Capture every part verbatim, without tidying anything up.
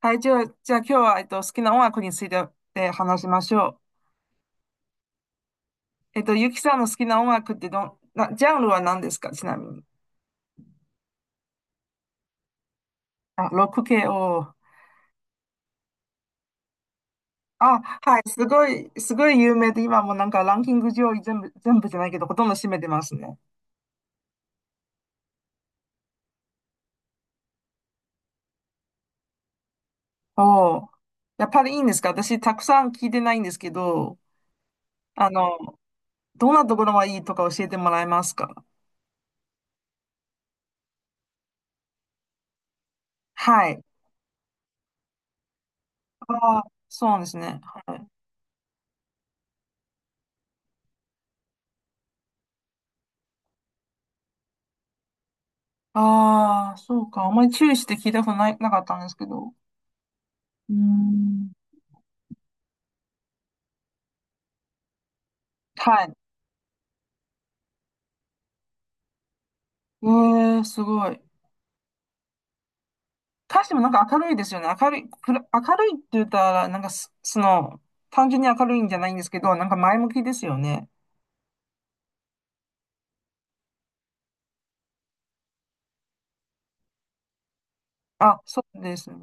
はい、じゃあ、じゃあ今日は、えっと、好きな音楽について、えー話しましょう。えっと、ゆきさんの好きな音楽ってどん、な、ジャンルは何ですか、ちなみに。あ、ロック系を。あ、はい、すごい、すごい有名で、今もうなんかランキング上位全部、全部じゃないけど、ほとんど占めてますね。おお。やっぱりいいんですか？私、たくさん聞いてないんですけど、あの、どんなところがいいとか教えてもらえますか？はい。ああ、そうですね。はい。ああ、そうか。あんまり注意して聞いたことない、なかったんですけど。うん。はい。ええ、すごい。歌詞もなんか明るいですよね。明るい、くら明るいって言ったら、なんかすその、単純に明るいんじゃないんですけど、なんか前向きですよね。あ、そうですね。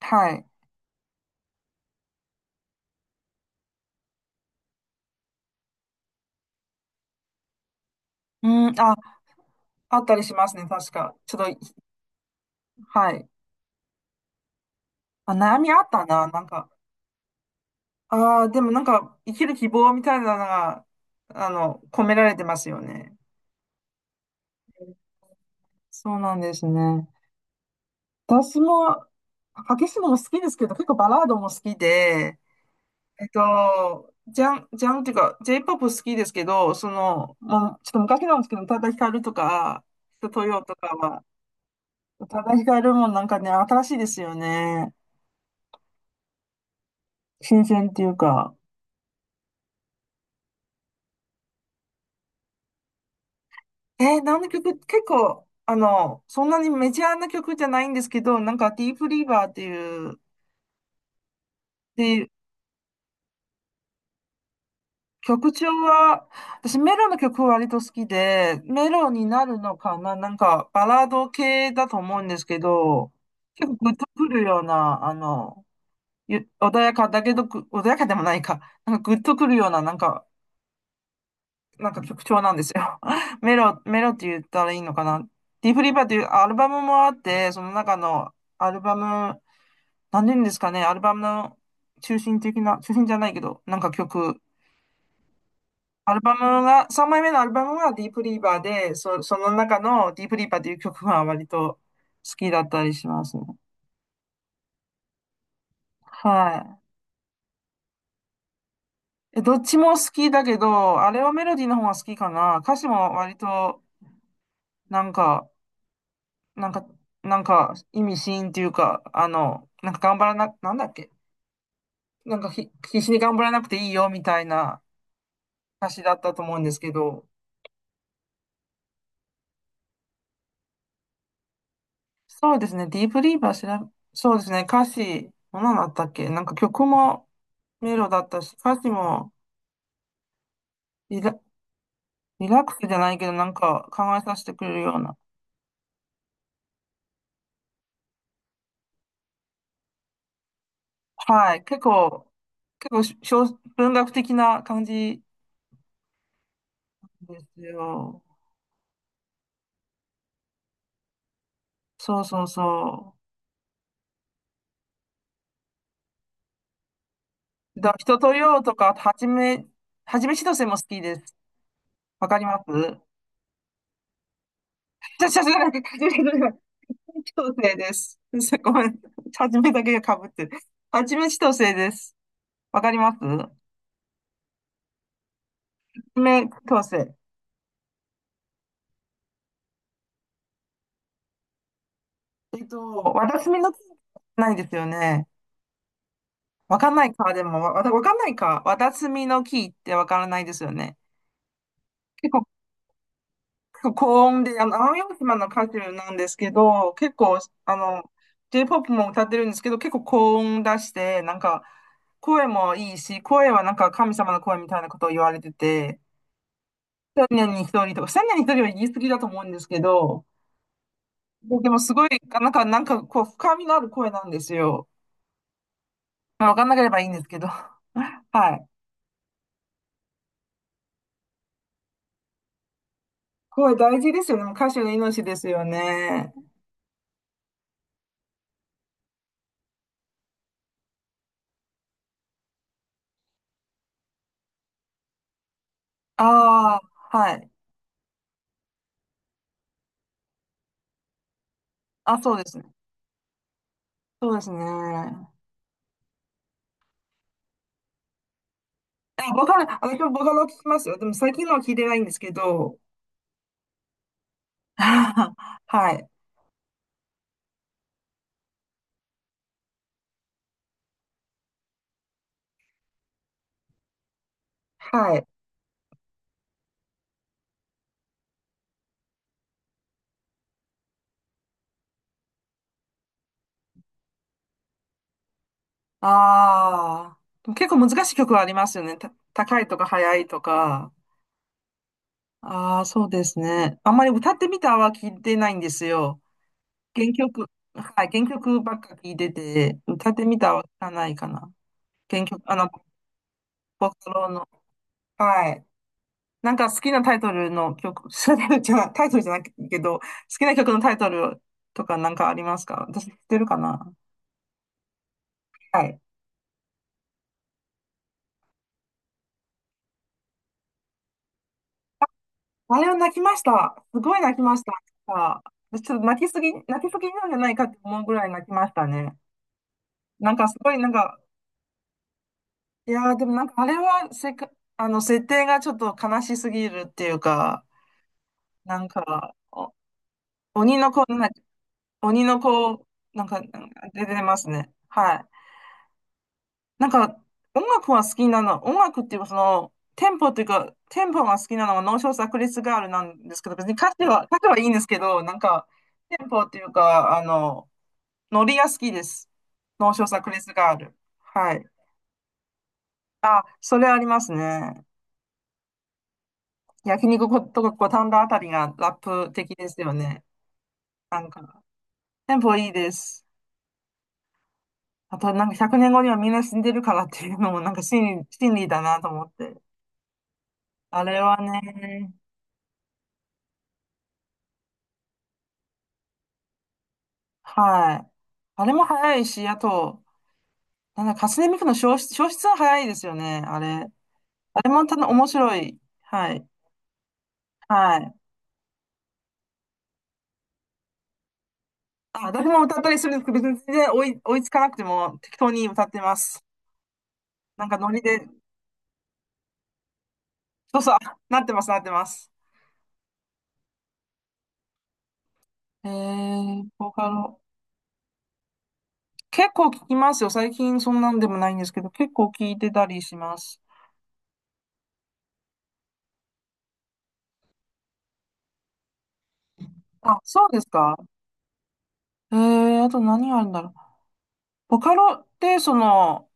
はい。うん、あ、あったりしますね、確か。ちょっと、はい。あ、悩みあったな、なんか。ああ、でもなんか、生きる希望みたいなのが、あの、込められてますよね。そうなんですね。私も、激しいのも好きですけど、結構バラードも好きで、えっと、ジャン、ジャンっていうか、J-ジェイポップ 好きですけど、その、もう、ちょっと昔なんですけど、宇多田ヒカルとか、人とよとかは、宇多田ヒカルもなんかね、新しいですよね。新鮮っていうか。えー、何の曲、結構、あの、そんなにメジャーな曲じゃないんですけど、なんか、ディープリーバーっていう、で曲調は、私メロの曲割と好きで、メロになるのかな、なんかバラード系だと思うんですけど、結構グッとくるような、あの、ゆ穏やかだけどぐ、穏やかでもないか、なんかグッとくるような、なんか、なんか曲調なんですよ。メロ、メロって言ったらいいのかな？ディープリバーっていうアルバムもあって、その中のアルバム、何て言うんですかね、アルバムの中心的な、中心じゃないけど、なんか曲、アルバムが、さんまいめのアルバムがディープリーバーで、そ、その中のディープリーバーという曲が割と好きだったりしますね。はい。え、どっちも好きだけど、あれはメロディーの方が好きかな。歌詞も割と、なんか、なんか、なんか意味深っていうか、あの、なんか頑張らな、なんだっけ。なんかひ必死に頑張らなくていいよみたいな歌詞だったと思うんですけど、そうですね。ディープリーバー調べ、そうですね。歌詞、ものだったっけ、なんか曲もメロだったし、歌詞もリラ、リラックスじゃないけど、なんか考えさせてくれるような。はい。結構、結構し小、文学的な感じですよ。そうそうそう。だ、人とようとか、はじめ、はじめしとせも好きです。わかりますちゃさゃがに、はじめしとせです。ごめん。はじめだけが被ってる。はじめしとせです。わかります爪矯正。えっと、わたすみの木、ないですよね。わかんないか、でも、わ、わかんないか。わたすみの木ってわからないですよね。結構、結構高音で、あの、奄美大島の歌手なんですけど、結構、あの、J-ジェイポップ も歌ってるんですけど、結構高音出して、なんか、声もいいし、声はなんか神様の声みたいなことを言われてて、千年に一人とか、千年に一人は言い過ぎだと思うんですけど、でもすごい、なんか、なんか、こう、深みのある声なんですよ。まあ、わかんなければいいんですけど。はい。声大事ですよね。もう歌手の命ですよね。ああ、はい。あ、そうですね。そうですね。えボカロ、私もボカロ聞きますよ。でも最近のは聞いてないんですけど。はい。はい。ああ。でも結構難しい曲はありますよね。た、高いとか速いとか。ああ、そうですね。あんまり歌ってみたは聞いてないんですよ。原曲、はい、原曲ばっか聞いてて、歌ってみたは聞かないかな。原曲、あの、ポストローの。はい。なんか好きなタイトルの曲、タイトルじゃないタイトルじゃないけど、好きな曲のタイトルとかなんかありますか？私知ってるかな。はい。あれを泣きました。すごい泣きました。あ、私ちょっと泣きすぎ、泣きすぎなんじゃないかって思うぐらい泣きましたね。なんかすごいなんか、いやー、でもなんかあれはせか、あの、設定がちょっと悲しすぎるっていうか、なんか、お鬼の子、な鬼の子、なんか、なんか出てますね。はい。なんか、音楽は好きなの、音楽っていうか、その、テンポっていうか、テンポが好きなのが脳症炸裂ガールなんですけど、別に歌詞は、歌詞はいいんですけど、なんか、テンポっていうか、あの、ノリが好きです。脳症炸裂ガール。はい。あ、それありますね。焼肉とか五反田あたりがラップ的ですよね。なんか、テンポいいです。あと、なんかひゃくねんごにはみんな死んでるからっていうのも、なんか真理、真理だなと思って。あれはね、はい。あれも早いし、あと、なんだ、初音ミクの消失、消失は早いですよね、あれ。あれもただ面白い。はい。はい。あ、誰も歌ったりするんですけど、別に全然追い、追いつかなくても適当に歌ってます。なんかノリで、そうそう、あ、なってます、なってます。えー、ボカロ。結構聞きますよ。最近そんなんでもないんですけど、結構聞いてたりします。あ、そうですか。えー、あと何あるんだろう。ボカロって、その、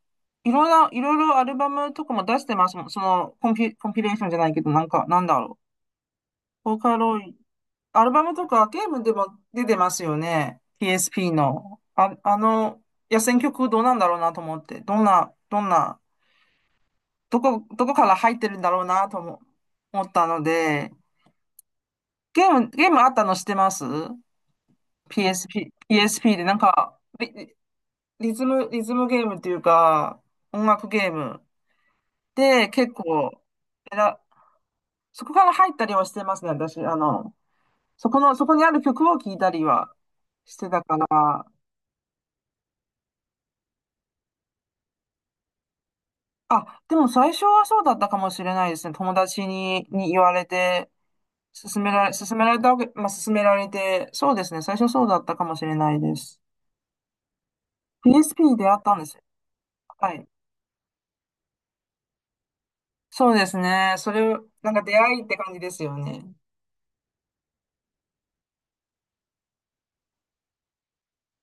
いろんな、いろいろアルバムとかも出してますもん。その、コンピ、コンピレーションじゃないけど、なんか、なんだろう。ボカロ、アルバムとかゲームでも出てますよね。ピーエスピー の。あ、あの、野戦曲どうなんだろうなと思って。どんな、どんな、どこ、どこから入ってるんだろうなと思思ったので、ゲーム、ゲームあったの知ってます ?ピーエスピー、ピーエスピー でなんか、リ、リリズム、リズムゲームっていうか、音楽ゲーム。で、結構、えら、そこから入ったりはしてますね、私。あの、そこの、そこにある曲を聴いたりはしてたから。あ、でも最初はそうだったかもしれないですね。友達に、に言われて、勧められ、勧められたわけ、まあ、勧められて、そうですね。最初そうだったかもしれないです。ピーエスピー であったんですよ。はい。そうですね。それを、なんか出会いって感じですよね。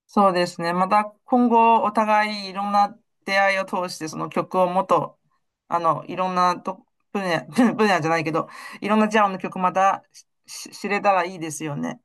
そうですね。また今後お互いいろんな出会いを通してその曲をもっと、あの、いろんなと分野、分野じゃないけど、いろんなジャンルの曲またしし知れたらいいですよね。